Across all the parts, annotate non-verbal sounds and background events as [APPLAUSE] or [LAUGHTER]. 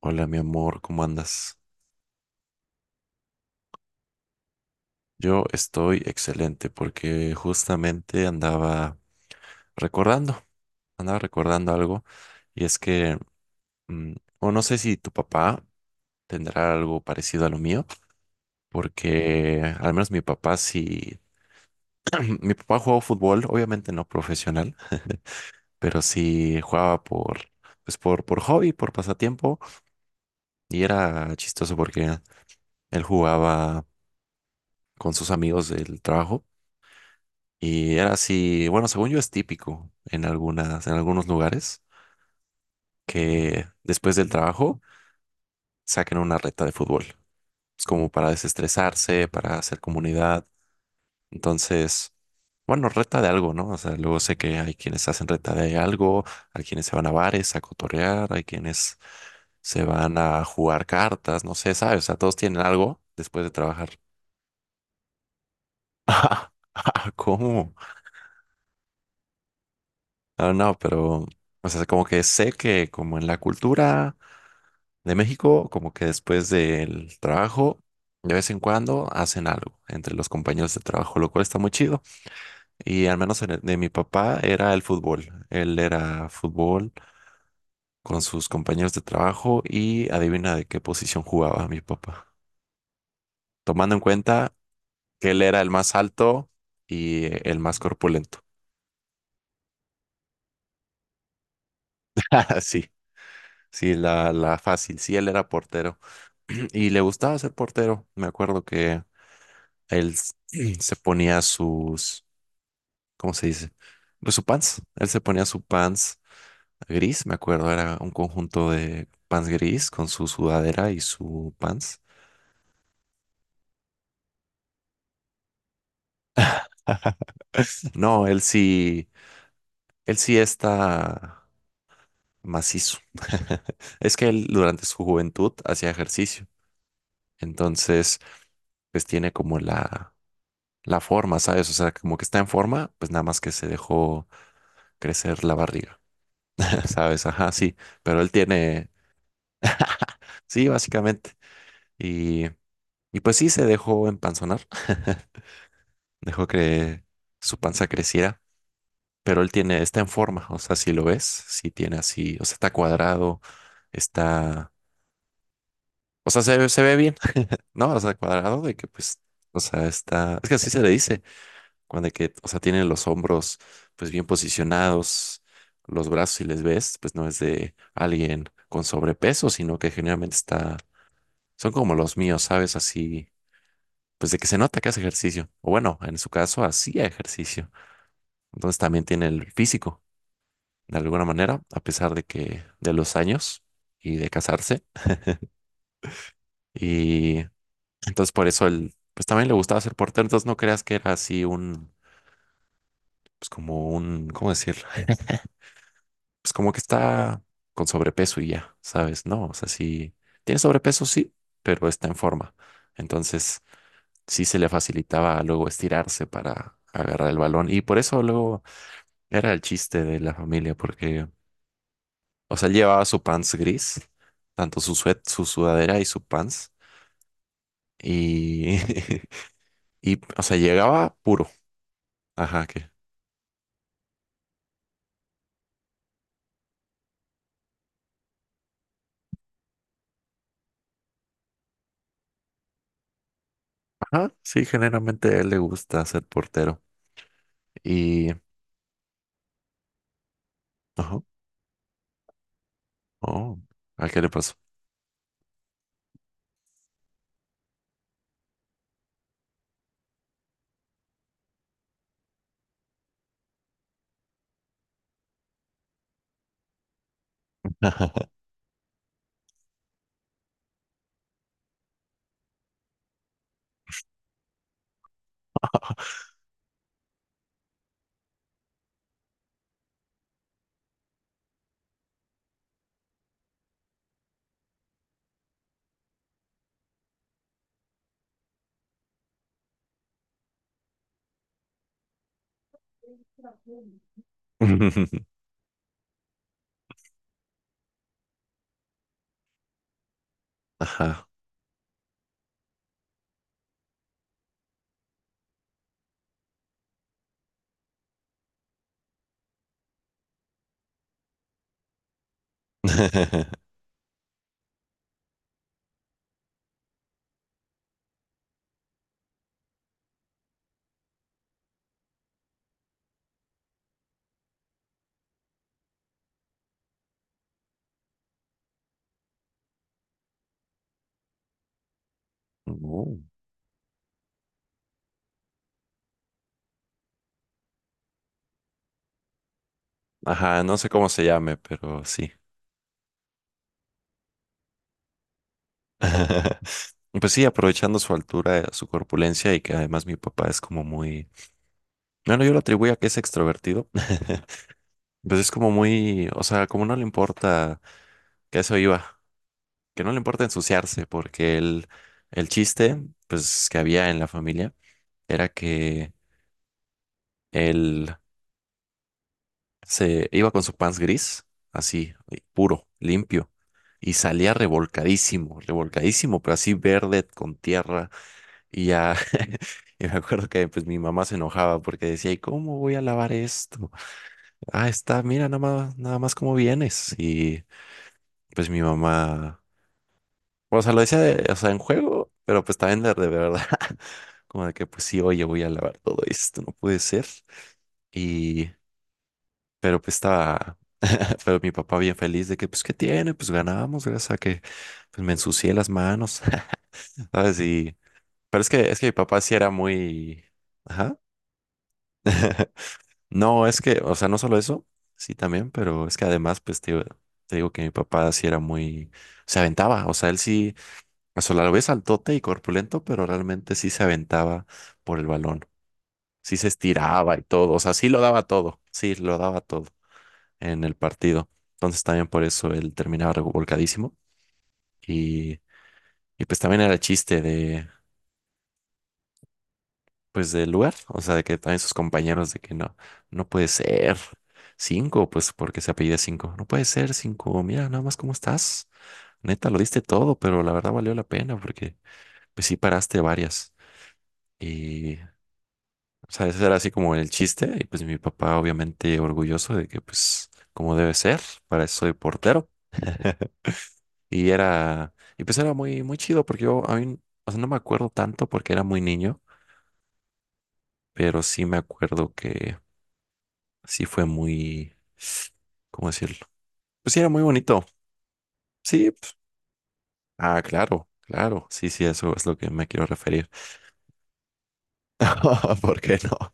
Hola, mi amor, ¿cómo andas? Yo estoy excelente porque justamente recordando, andaba recordando algo y es que, mm, o no sé si tu papá tendrá algo parecido a lo mío, porque al menos mi papá sí, [CLEARS THROAT] mi papá jugaba fútbol, obviamente no profesional, pero sí jugaba por hobby, por pasatiempo y era chistoso porque él jugaba con sus amigos del trabajo. Y era así, bueno, según yo es típico en algunas, en algunos lugares que después del trabajo saquen una reta de fútbol. Es como para desestresarse, para hacer comunidad. Entonces, bueno, reta de algo, ¿no? O sea, luego sé que hay quienes hacen reta de algo, hay quienes se van a bares a cotorrear, hay quienes se van a jugar cartas, no sé, ¿sabes? O sea, todos tienen algo después de trabajar. [LAUGHS] ¿Cómo? Ah, no, pero, o sea, como que sé que como en la cultura de México, como que después del trabajo, de vez en cuando hacen algo entre los compañeros de trabajo, lo cual está muy chido. Y al menos en de mi papá era el fútbol. Él era fútbol con sus compañeros de trabajo y adivina de qué posición jugaba mi papá, tomando en cuenta que él era el más alto y el más corpulento. [LAUGHS] Sí. Sí, la fácil. Sí, él era portero [CLEARS THROAT] y le gustaba ser portero. Me acuerdo que él s- [CLEARS THROAT] se ponía sus, ¿cómo se dice? Pues su pants. Él se ponía su pants gris, me acuerdo, era un conjunto de pants gris con su sudadera y su pants. [LAUGHS] No, él sí está macizo. [LAUGHS] Es que él durante su juventud hacía ejercicio, entonces pues tiene como la forma, ¿sabes? O sea, como que está en forma, pues nada más que se dejó crecer la barriga, [LAUGHS] ¿sabes? Ajá, sí, pero él tiene, sí, básicamente. Y Y pues sí, se dejó empanzonar, [LAUGHS] dejó que su panza creciera, pero él tiene, está en forma, o sea, si lo ves, sí tiene así, o sea, está cuadrado, está, o sea, se ve bien, [LAUGHS] ¿no? O sea, cuadrado de que pues, o sea, está, es que así se le dice, cuando que, o sea, tiene los hombros pues bien posicionados, los brazos si les ves, pues no es de alguien con sobrepeso, sino que generalmente está, son como los míos, ¿sabes? Así pues de que se nota que hace ejercicio, o bueno, en su caso hacía ejercicio. Entonces también tiene el físico, de alguna manera, a pesar de que de los años y de casarse. Y entonces por eso él, pues también le gustaba ser portero, entonces no creas que era así un, pues como un, ¿cómo decirlo? Pues como que está con sobrepeso y ya, ¿sabes? No, o sea, sí, tiene sobrepeso, sí, pero está en forma. Entonces sí se le facilitaba luego estirarse para agarrar el balón y por eso luego era el chiste de la familia porque, o sea, él llevaba su pants gris, tanto su sudadera y su pants, y, [LAUGHS] y, o sea, llegaba puro. Ajá, que, ajá, sí, generalmente a él le gusta ser portero. Y, ajá, oh, ¿a qué le pasó? [LAUGHS] Ajá. [LAUGHS] No. Ajá, no sé cómo se llame, pero sí. [LAUGHS] Pues sí, aprovechando su altura, su corpulencia y que además mi papá es como muy bueno, yo lo atribuyo a que es extrovertido. [LAUGHS] Pues es como muy, o sea, como no le importa, que a eso iba, que no le importa ensuciarse, porque el chiste, pues, que había en la familia era que él se iba con su pants gris, así, y puro, limpio, y salía revolcadísimo, revolcadísimo, pero así verde con tierra, y ya, [LAUGHS] y me acuerdo que pues mi mamá se enojaba porque decía, ¿y cómo voy a lavar esto? Ah, está, mira, nada más, nada más cómo vienes. Y pues mi mamá, o sea, lo decía, o sea, en juego, pero pues también de verdad, [LAUGHS] como de que pues sí, oye, voy a lavar todo esto, no puede ser. Y, pero pues estaba, [LAUGHS] pero mi papá bien feliz de que pues, ¿qué tiene? Pues ganamos, gracias a que pues me ensucié las manos, [LAUGHS] ¿sabes? Y, pero es que mi papá sí era muy, ajá. No, es que, o sea, no solo eso, sí también, pero es que además, te digo que mi papá sí era muy, se aventaba, o sea, él sí, o sea, a la vez altote y corpulento, pero realmente sí se aventaba por el balón, sí se estiraba y todo, o sea, sí lo daba todo, sí lo daba todo en el partido. Entonces también por eso él terminaba revolcadísimo y, y pues también era el chiste de, pues del lugar, o sea, de que también sus compañeros de que no, no puede ser cinco, pues porque se apellida cinco, no puede ser cinco, mira nada más cómo estás, neta, lo diste todo, pero la verdad valió la pena porque pues sí paraste varias y, o sea, ese era así como el chiste y pues mi papá obviamente orgulloso de que pues como debe ser, para eso soy portero. [LAUGHS] Y era, y pues era muy, muy chido porque yo, a mí, o sea, no me acuerdo tanto porque era muy niño, pero sí me acuerdo que sí fue muy, ¿cómo decirlo? Pues sí, era muy bonito. Sí, ah, claro, claro. Sí, sí, eso es lo que me quiero referir. [LAUGHS] ¿Por qué no?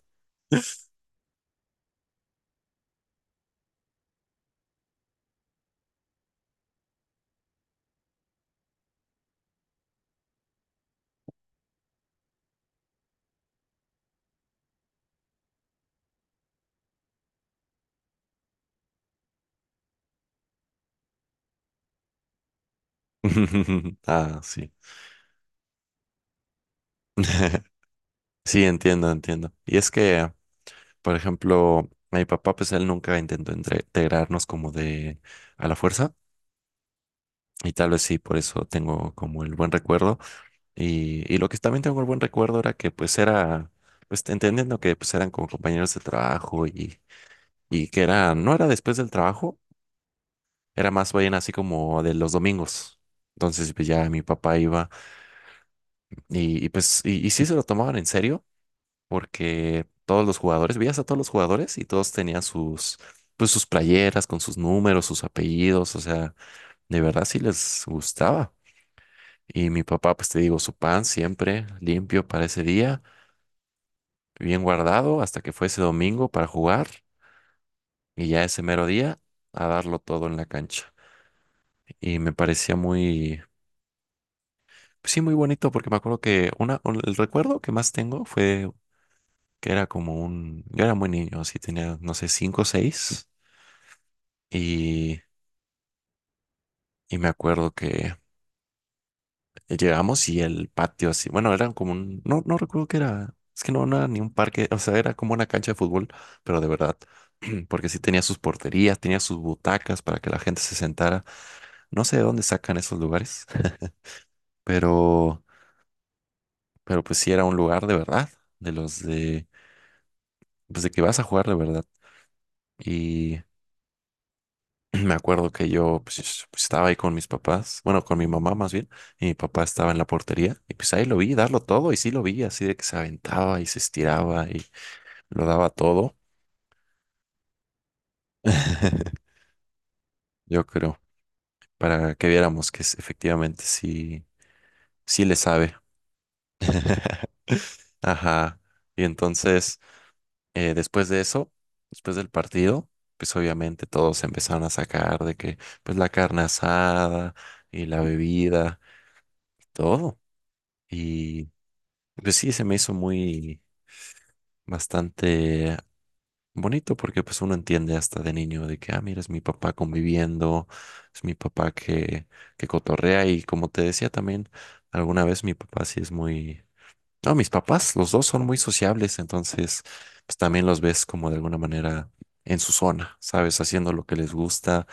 [LAUGHS] Ah, sí. [LAUGHS] Sí, entiendo, entiendo. Y es que, por ejemplo, mi papá, pues él nunca intentó integrarnos como de a la fuerza. Y tal vez sí, por eso tengo como el buen recuerdo. Y lo que también tengo el buen recuerdo era que pues era, pues entendiendo que pues eran como compañeros de trabajo y que era, no era después del trabajo, era más bien así como de los domingos. Entonces, pues ya mi papá iba y pues, y sí se lo tomaban en serio, porque todos los jugadores, veías a todos los jugadores y todos tenían sus, pues sus playeras con sus números, sus apellidos, o sea, de verdad sí les gustaba. Y mi papá, pues te digo, su pan siempre limpio para ese día, bien guardado hasta que fue ese domingo para jugar y ya ese mero día a darlo todo en la cancha y me parecía muy, sí, muy bonito, porque me acuerdo que el recuerdo que más tengo fue que era como un, yo era muy niño, así tenía, no sé, 5 o 6, y, y me acuerdo que llegamos y el patio así, bueno, era como un, no, no recuerdo qué era, es que no, no era ni un parque, o sea, era como una cancha de fútbol, pero de verdad, [CLEARS THROAT] porque sí tenía sus porterías, tenía sus butacas para que la gente se sentara, no sé de dónde sacan esos lugares, [LAUGHS] pero, pero pues sí era un lugar de verdad, de los de, pues de que vas a jugar de verdad. Y me acuerdo que yo pues, pues, estaba ahí con mis papás, bueno, con mi mamá más bien, y mi papá estaba en la portería, y pues ahí lo vi darlo todo, y sí lo vi, así de que se aventaba y se estiraba y lo daba todo, [LAUGHS] yo creo, para que viéramos que efectivamente sí, sí le sabe. [LAUGHS] Ajá. Y entonces, después de eso, después del partido, pues obviamente todos empezaron a sacar de que, pues la carne asada y la bebida, todo. Y pues sí, se me hizo muy bastante bonito porque pues uno entiende hasta de niño de que, ah, mira, es mi papá conviviendo, es mi papá que cotorrea y como te decía también, alguna vez mi papá sí es muy... No, mis papás, los dos son muy sociables, entonces pues también los ves como de alguna manera en su zona, ¿sabes? Haciendo lo que les gusta,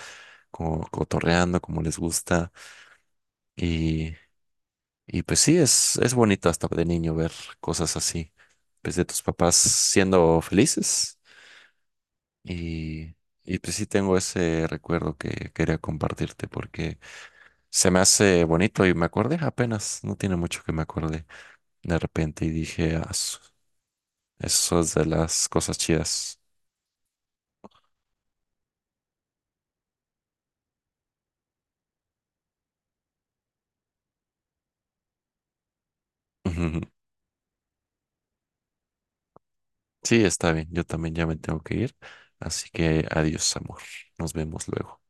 como cotorreando como les gusta. Y pues sí, es bonito hasta de niño ver cosas así, pues de tus papás siendo felices. Y, y pues sí tengo ese recuerdo que quería compartirte porque se me hace bonito y me acordé apenas, no tiene mucho que me acordé de repente y dije, "Ah, eso es de las cosas chidas." [LAUGHS] Ujú. Sí, está bien, yo también ya me tengo que ir, así que adiós, amor, nos vemos luego.